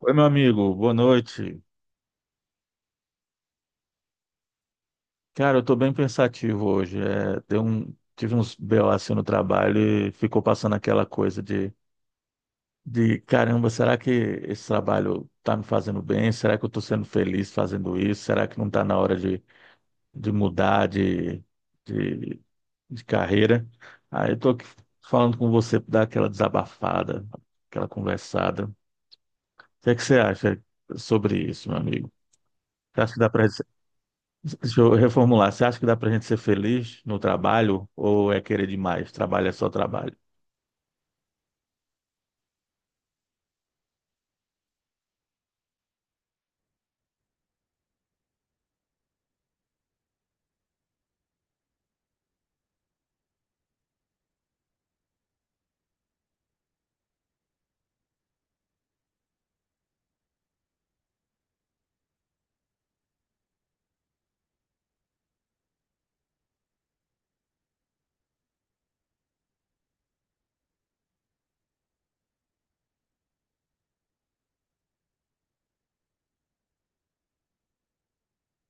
Oi, meu amigo, boa noite. Cara, eu tô bem pensativo hoje. Tive uns BO assim no trabalho e ficou passando aquela coisa de caramba, será que esse trabalho tá me fazendo bem? Será que eu tô sendo feliz fazendo isso? Será que não tá na hora de mudar de, de carreira? Aí eu tô aqui falando com você pra dar aquela desabafada, aquela conversada. O que é que você acha sobre isso, meu amigo? Você acha que dá para Deixa eu reformular. Você acha que dá pra gente ser feliz no trabalho ou é querer demais? Trabalho é só trabalho.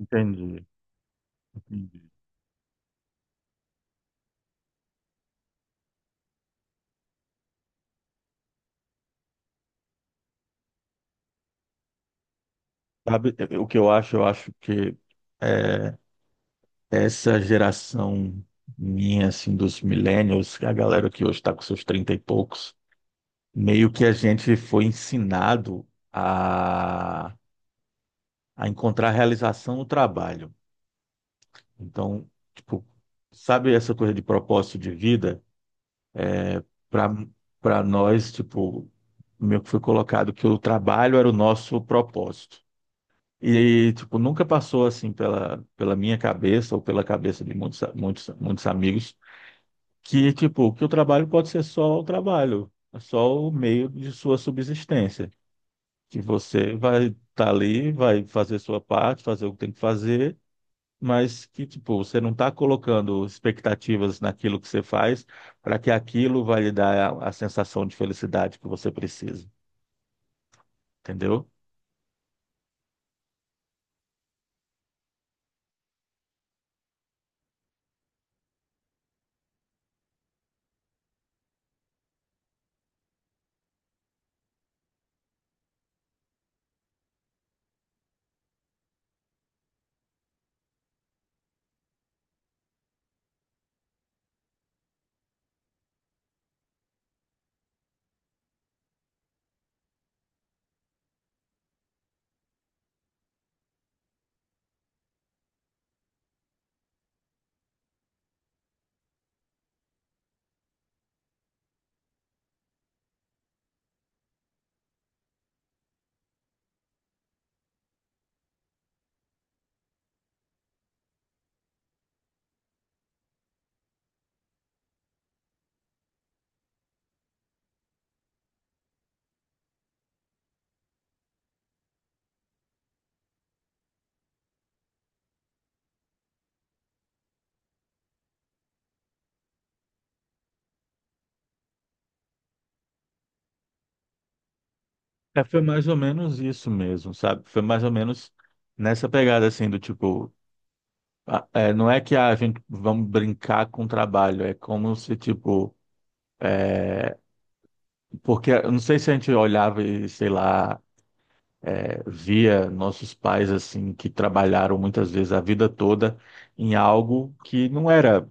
Entendi, entendi. Sabe, o que eu acho? Eu acho que eh, essa geração minha, assim, dos millennials, a galera que hoje está com seus 30 e poucos, meio que a gente foi ensinado a, a encontrar realização no trabalho. Então, tipo, sabe essa coisa de propósito de vida? para Para nós, tipo, meio que foi colocado que o trabalho era o nosso propósito. E, tipo, nunca passou, assim, pela minha cabeça ou pela cabeça de muitos, muitos, muitos amigos que, tipo, que o trabalho pode ser só o trabalho, é só o meio de sua subsistência. Que você vai estar ali, vai fazer sua parte, fazer o que tem que fazer, mas que, tipo, você não está colocando expectativas naquilo que você faz para que aquilo vai lhe dar a sensação de felicidade que você precisa, entendeu? É, foi mais ou menos isso mesmo, sabe? Foi mais ou menos nessa pegada, assim, do tipo, não é que ah, a gente vamos brincar com o trabalho, é como se, tipo, porque eu não sei se a gente olhava e, sei lá, é, via nossos pais, assim, que trabalharam muitas vezes a vida toda em algo que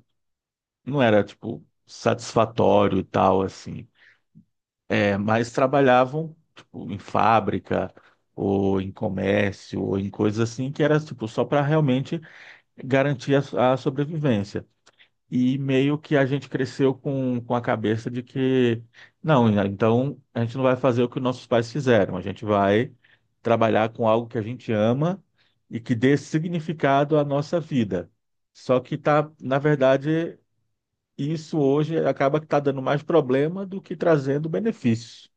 não era, tipo, satisfatório e tal, assim. É, mas trabalhavam, tipo, em fábrica ou em comércio ou em coisas assim, que era, tipo, só para realmente garantir a sobrevivência. E meio que a gente cresceu com a cabeça de que, não, né, então a gente não vai fazer o que nossos pais fizeram, a gente vai trabalhar com algo que a gente ama e que dê significado à nossa vida. Só que tá, na verdade, e isso hoje acaba que está dando mais problema do que trazendo benefícios.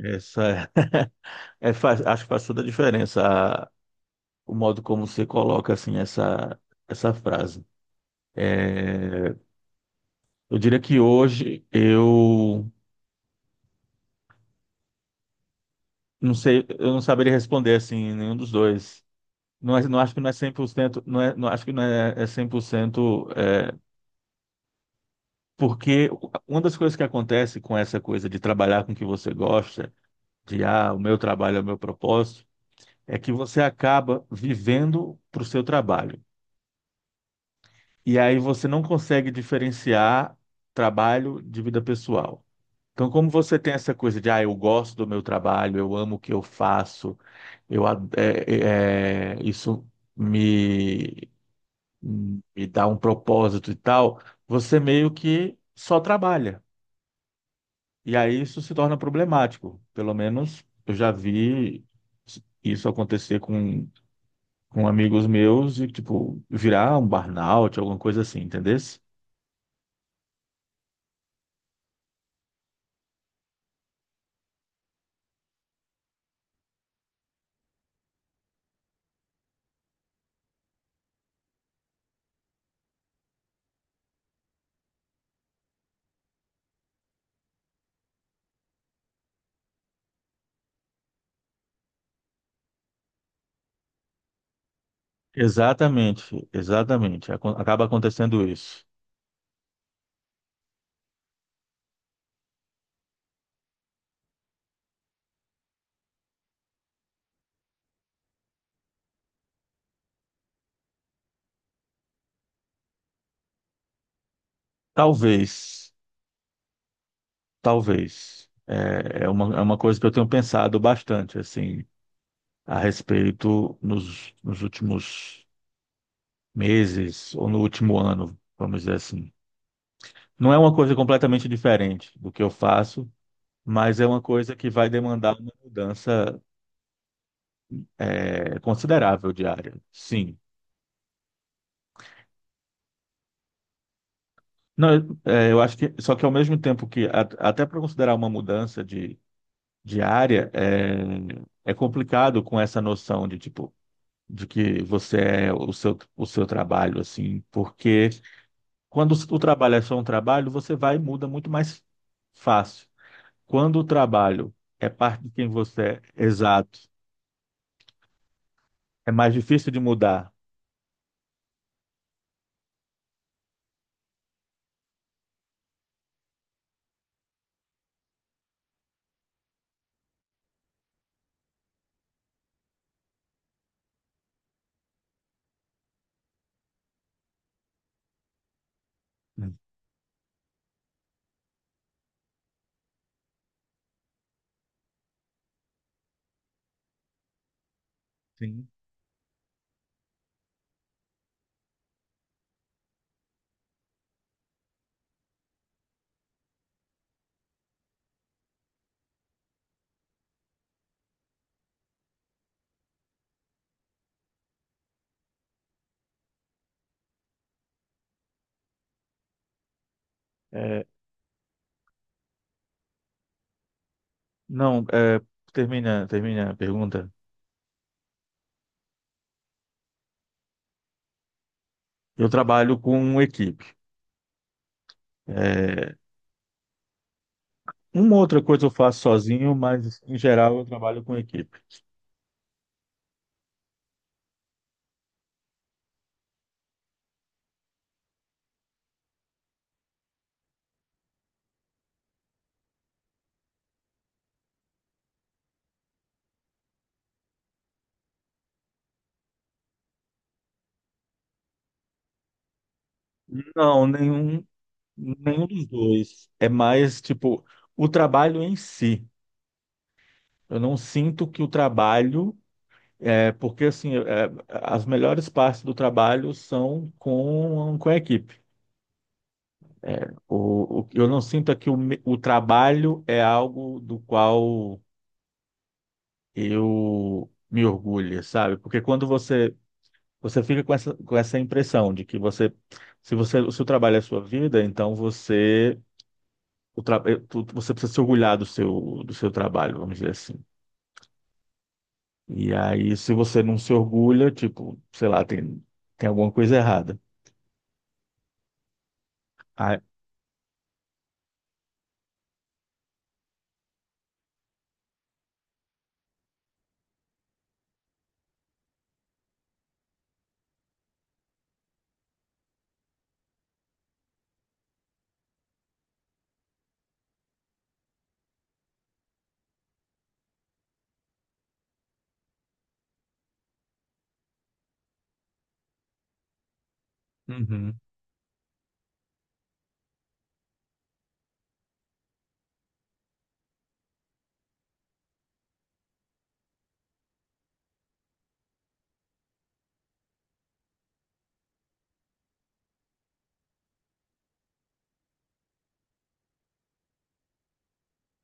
Essa é, acho que faz toda a diferença a- o modo como você coloca assim essa frase. É, eu diria que hoje eu não sei, eu não saberia responder assim nenhum dos dois. Não acho que não é cem por cento não é, não acho que não é, é 100% é, porque uma das coisas que acontece com essa coisa de trabalhar com o que você gosta, de ah, o meu trabalho é o meu propósito, é que você acaba vivendo para o seu trabalho. E aí você não consegue diferenciar trabalho de vida pessoal. Então, como você tem essa coisa de, ah, eu gosto do meu trabalho, eu amo o que eu faço, eu, ad- é- é- é, isso me, me dá um propósito e tal, você meio que só trabalha. E aí isso se torna problemático. Pelo menos eu já vi isso acontecer com amigos meus e, tipo, virar um burnout, alguma coisa assim, entendesse? Exatamente, exatamente. Acaba acontecendo isso. Talvez, talvez. É, é uma coisa que eu tenho pensado bastante, assim, a respeito nos últimos meses ou no último ano, vamos dizer assim. Não é uma coisa completamente diferente do que eu faço, mas é uma coisa que vai demandar uma mudança, é, considerável diária. Sim. Não, é, eu acho que, só que ao mesmo tempo que, até para considerar uma mudança de área, é, é complicado com essa noção de, tipo, de que você é o seu trabalho, assim, porque quando o trabalho é só um trabalho, você vai e muda muito mais fácil. Quando o trabalho é parte de quem você é, exato, é mais difícil de mudar. Sim. É, não, é, termina, termina a pergunta. Eu trabalho com equipe. É, uma outra coisa eu faço sozinho, mas em geral eu trabalho com equipe. Não, nenhum, nenhum dos dois. É mais tipo o trabalho em si. Eu não sinto que o trabalho é porque assim é, as melhores partes do trabalho são com a equipe. Eu não sinto é que o trabalho é algo do qual eu me orgulho, sabe? Porque quando você Você fica com essa impressão de que você, se o trabalho é a sua vida, então você, o tra, eh, tu- você precisa se orgulhar do seu trabalho, vamos dizer assim. E aí, se você não se orgulha, tipo, sei lá, tem alguma coisa errada. Ah, uhum.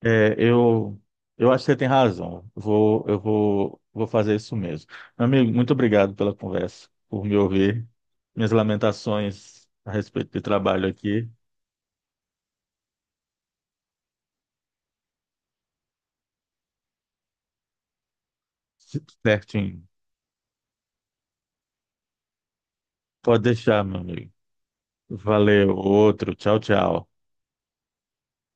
É, eu acho que você tem razão. Vou fazer isso mesmo. Meu amigo, muito obrigado pela conversa, por me ouvir. Minhas lamentações a respeito de trabalho aqui, certinho. Pode deixar, meu amigo. Valeu, outro. Tchau, tchau.